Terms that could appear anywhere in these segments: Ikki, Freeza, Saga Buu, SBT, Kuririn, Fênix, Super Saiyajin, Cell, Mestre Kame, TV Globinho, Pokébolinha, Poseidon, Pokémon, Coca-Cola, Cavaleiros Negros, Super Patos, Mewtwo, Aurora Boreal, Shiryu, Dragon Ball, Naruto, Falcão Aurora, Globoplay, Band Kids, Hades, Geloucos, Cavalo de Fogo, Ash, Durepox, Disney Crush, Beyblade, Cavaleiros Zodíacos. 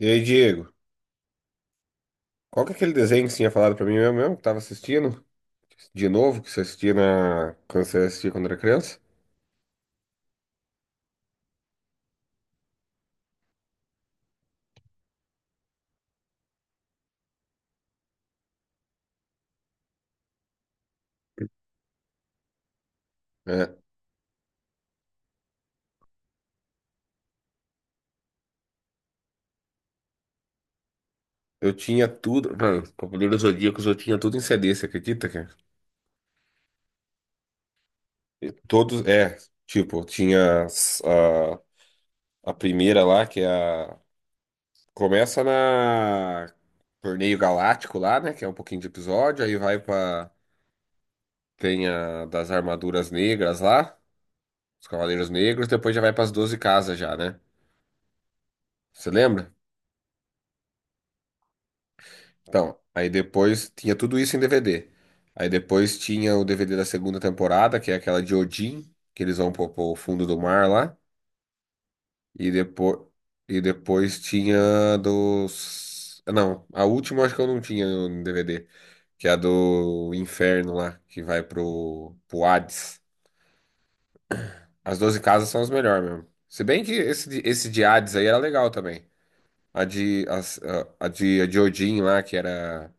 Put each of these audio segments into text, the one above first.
E aí, Diego, qual que é aquele desenho que você tinha falado pra mim mesmo, mesmo que tava assistindo? De novo, que você assistia quando você assistia quando era criança? É, eu tinha tudo, mano, Cavaleiros Zodíacos, eu tinha tudo em CD, você acredita, cara? E todos, é, tipo, tinha a primeira lá, que é começa na Torneio Galáctico lá, né, que é um pouquinho de episódio, tem a das armaduras negras lá, os Cavaleiros Negros, depois já vai pras 12 casas já, né? Você lembra? Então, aí depois tinha tudo isso em DVD. Aí depois tinha o DVD da segunda temporada, que é aquela de Odin, que eles vão pro fundo do mar lá. E depois, e depois tinha não, a última acho que eu não tinha no DVD, que é a do Inferno lá, que vai pro Hades. As 12 casas são as melhores mesmo. Se bem que esse de Hades aí era legal também. A de, as- a de Odin lá, que era.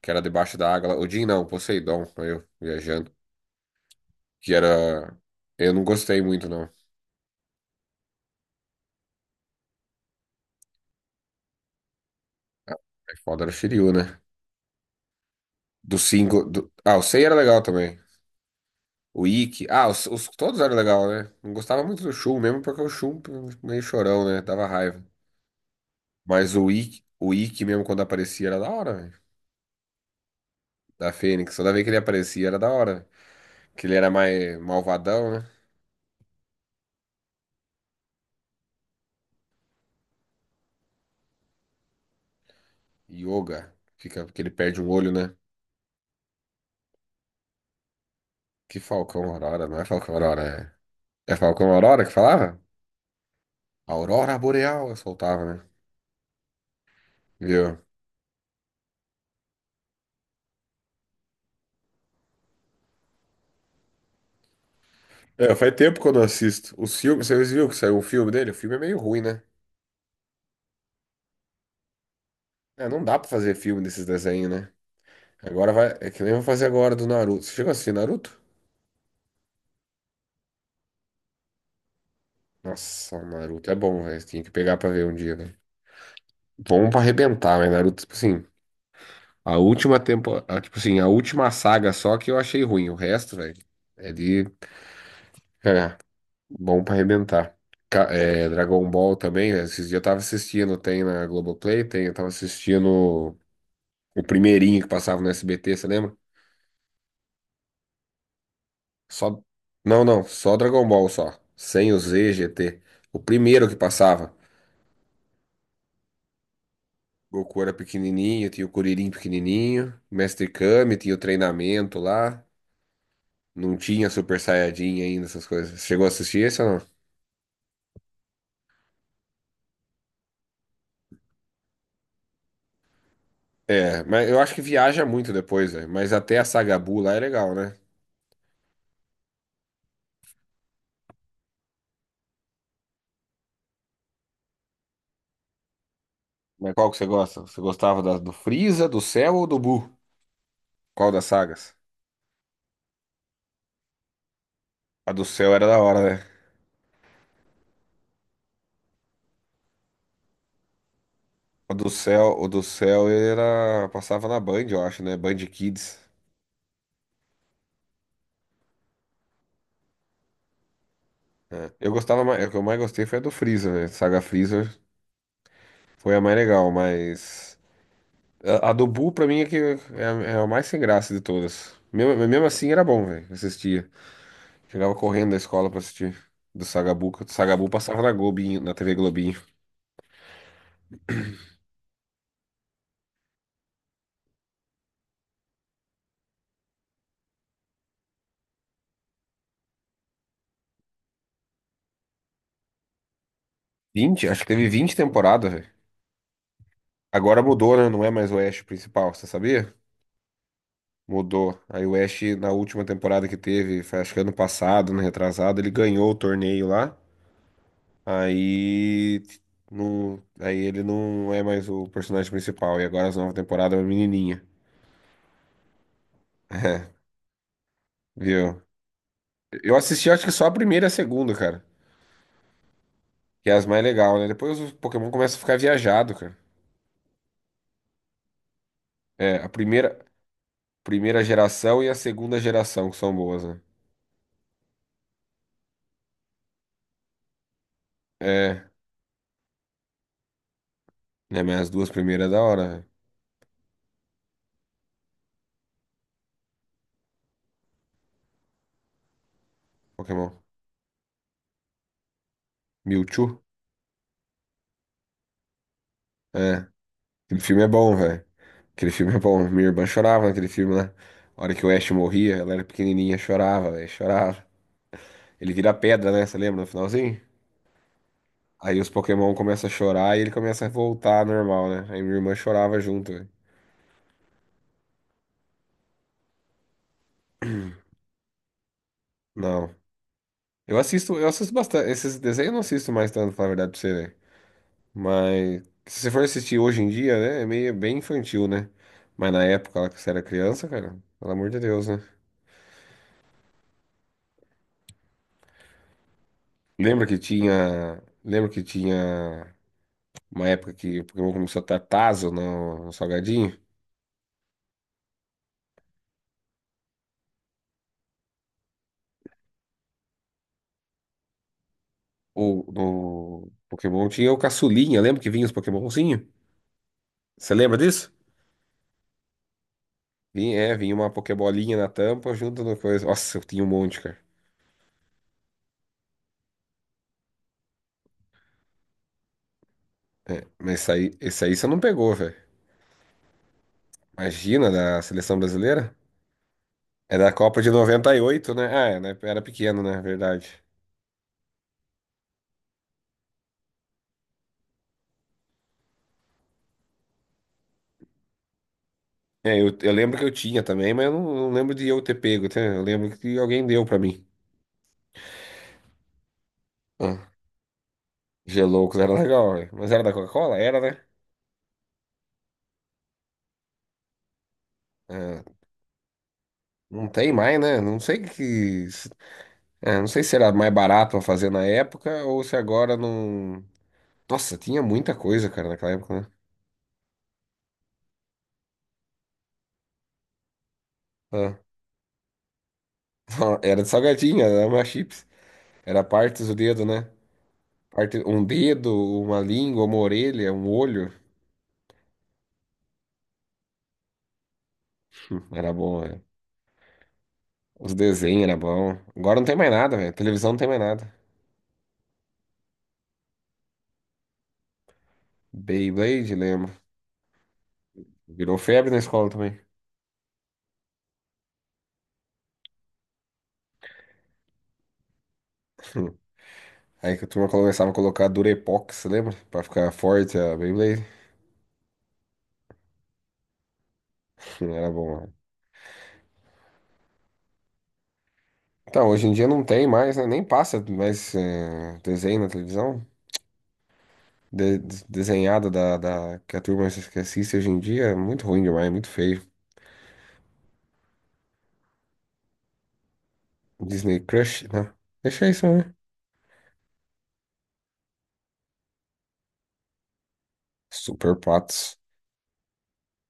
que era debaixo da água lá. Odin não, Poseidon, eu viajando. Que era. Eu não gostei muito, não. É foda, era o Shiryu, né? Ah, o Sei era legal também. O Ikki. Ah, todos eram legal, né? Não gostava muito do Shun, mesmo porque o Shun meio chorão, né? Dava raiva. Mas o Ikki mesmo quando aparecia era da hora, velho. Da Fênix. Toda vez que ele aparecia era da hora. Que ele era mais malvadão, né? Yoga. Fica, que ele perde um olho, né? Que Falcão Aurora, não é Falcão Aurora, é. É Falcão Aurora que falava? Aurora Boreal, eu soltava, né? Viu? É, faz tempo que eu não assisto. Os filmes, vocês viram que saiu o filme dele? O filme é meio ruim, né? É, não dá pra fazer filme desses desenhos, né? Agora vai. É que nem eu vou fazer agora do Naruto. Você chegou a assistir Naruto? Nossa, o Naruto é bom, velho. Tinha que pegar pra ver um dia, velho. Bom pra arrebentar, mas Naruto, tipo assim, a última tempo, a- tipo assim, a última saga só que eu achei ruim. O resto, velho, é de. Bom pra arrebentar. É, Dragon Ball também, né? Esses dias eu tava assistindo, tem na Globoplay, tem, eu tava assistindo o primeirinho que passava no SBT, você lembra? Só. Não, não, só Dragon Ball só. Sem o Z, GT. O primeiro que passava. Goku era pequenininho, tinha o Kuririn pequenininho, Mestre Kame, tinha o treinamento lá. Não tinha Super Saiyajin ainda, essas coisas. Chegou a assistir esse ou não? É, mas eu acho que viaja muito depois, velho. Mas até a Saga Buu lá é legal, né? Mas qual que você gosta? Você gostava do Freeza, do Cell ou do Buu? Qual das sagas? A do Cell era da hora, né? O do Cell era... Passava na Band, eu acho, né? Band Kids. É. Eu gostava mais... O que eu mais gostei foi a do Freeza, né? Saga Freeza foi a mais legal, mas... A do Buu, pra mim, é, que é, a é a mais sem graça de todas. Mesmo, mesmo assim, era bom, velho. Assistia. Chegava correndo da escola pra assistir. Do Saga Buu, que o Saga Buu passava na Globinho, na TV Globinho. Acho que teve 20 temporadas, velho. Agora mudou, né? Não é mais o Ash principal, você sabia? Mudou. Aí o Ash, na última temporada que teve, foi acho que ano passado, ano retrasado, ele ganhou o torneio lá. Aí. Não, aí ele não é mais o personagem principal. E agora as novas temporadas é uma menininha. É, viu? Eu assisti acho que só a primeira e a segunda, cara. Que é as mais legais, né? Depois os Pokémon começam a ficar viajado, cara. É, a primeira, primeira geração e a segunda geração que são boas, né? É, né? Mas as duas primeiras é da hora, né? Pokémon. Mewtwo? É. Aquele filme é bom, velho. Aquele filme é bom. Minha irmã chorava naquele filme lá. A hora que o Ash morria, ela era pequenininha, chorava, velho, chorava. Ele vira pedra, né? Você lembra no finalzinho? Aí os Pokémon começam a chorar e ele começa a voltar normal, né? Aí minha irmã chorava junto, velho. Não. Eu assisto bastante. Esses desenhos eu não assisto mais tanto, pra falar a verdade pra você, né? Mas se você for assistir hoje em dia, né? É meio bem infantil, né? Mas na época lá que você era criança, cara, pelo amor de Deus, né? Lembra que tinha uma época que o Pokémon começou a estar Tazo no Salgadinho? Ou no Pokémon tinha o Caçulinha, lembra que vinha os Pokémonzinho? Você lembra disso? Vinha, é, vinha uma Pokébolinha na tampa junto no coisa. Nossa, eu tinha um monte, cara. É, mas esse aí você não pegou, velho. Imagina, da seleção brasileira? É da Copa de 98, né? Ah, é, né? Era pequeno, né? Verdade. É, eu lembro que eu tinha também, mas eu não lembro de eu ter pego, tá? Eu lembro que alguém deu pra mim. Ah. Geloucos era legal, velho. Mas era da Coca-Cola? Era, né? Ah, não tem mais, né? Não sei que. Se- É, não sei se era mais barato pra fazer na época ou se agora não. Nossa, tinha muita coisa, cara, naquela época, né? Ah, era de salgadinho, era uma chips. Era partes do dedo, né? Um dedo, uma língua, uma orelha, um olho. Era bom, velho. Os desenhos era bom. Agora não tem mais nada, velho. Televisão não tem mais nada. Beyblade, lembro. Virou febre na escola também. Aí que a turma começava a colocar Durepox, lembra? Pra ficar forte a Beyblade. Era bom, né? Então, hoje em dia não tem mais, né? Nem passa mais desenho na televisão. Desenhado que a turma que assiste hoje em dia é muito ruim demais, muito feio. Disney Crush, né? Deixa isso, né? Super Patos.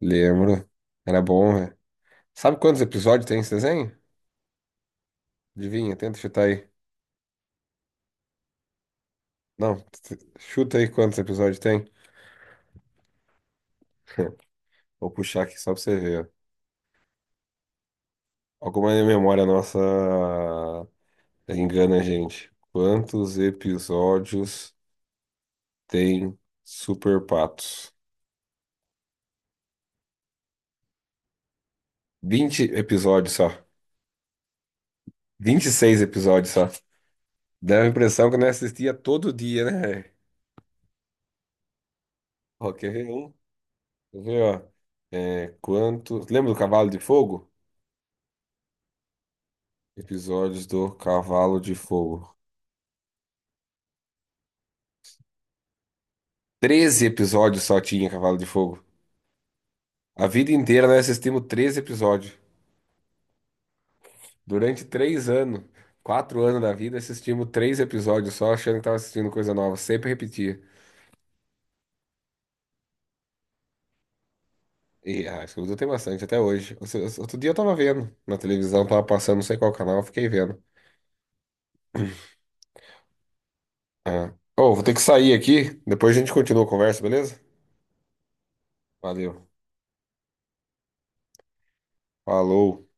Lembro. Era bom, né? Sabe quantos episódios tem esse desenho? Adivinha, tenta chutar aí. Não, t- Chuta aí quantos episódios tem. Vou puxar aqui só pra você ver, alguma memória nossa engana a gente. Quantos episódios tem Super Patos? Vinte episódios só. 26 episódios só. Dá a impressão que nós assistia todo dia, né, velho? Ó, quer ver um? Quer ver, ó. É, quantos... Lembra do Cavalo de Fogo? Episódios do Cavalo de Fogo. 13 episódios só tinha Cavalo de Fogo. A vida inteira nós assistimos 13 episódios. Durante 3 anos, 4 anos da vida, assistimos 3 episódios só, achando que tava assistindo coisa nova. Sempre repetia. E ah, isso eu tenho bastante até hoje. Outro dia eu tava vendo na televisão, tava passando, não sei qual canal, eu fiquei vendo. Ah. Oh, vou ter que sair aqui. Depois a gente continua a conversa, beleza? Valeu. Falou.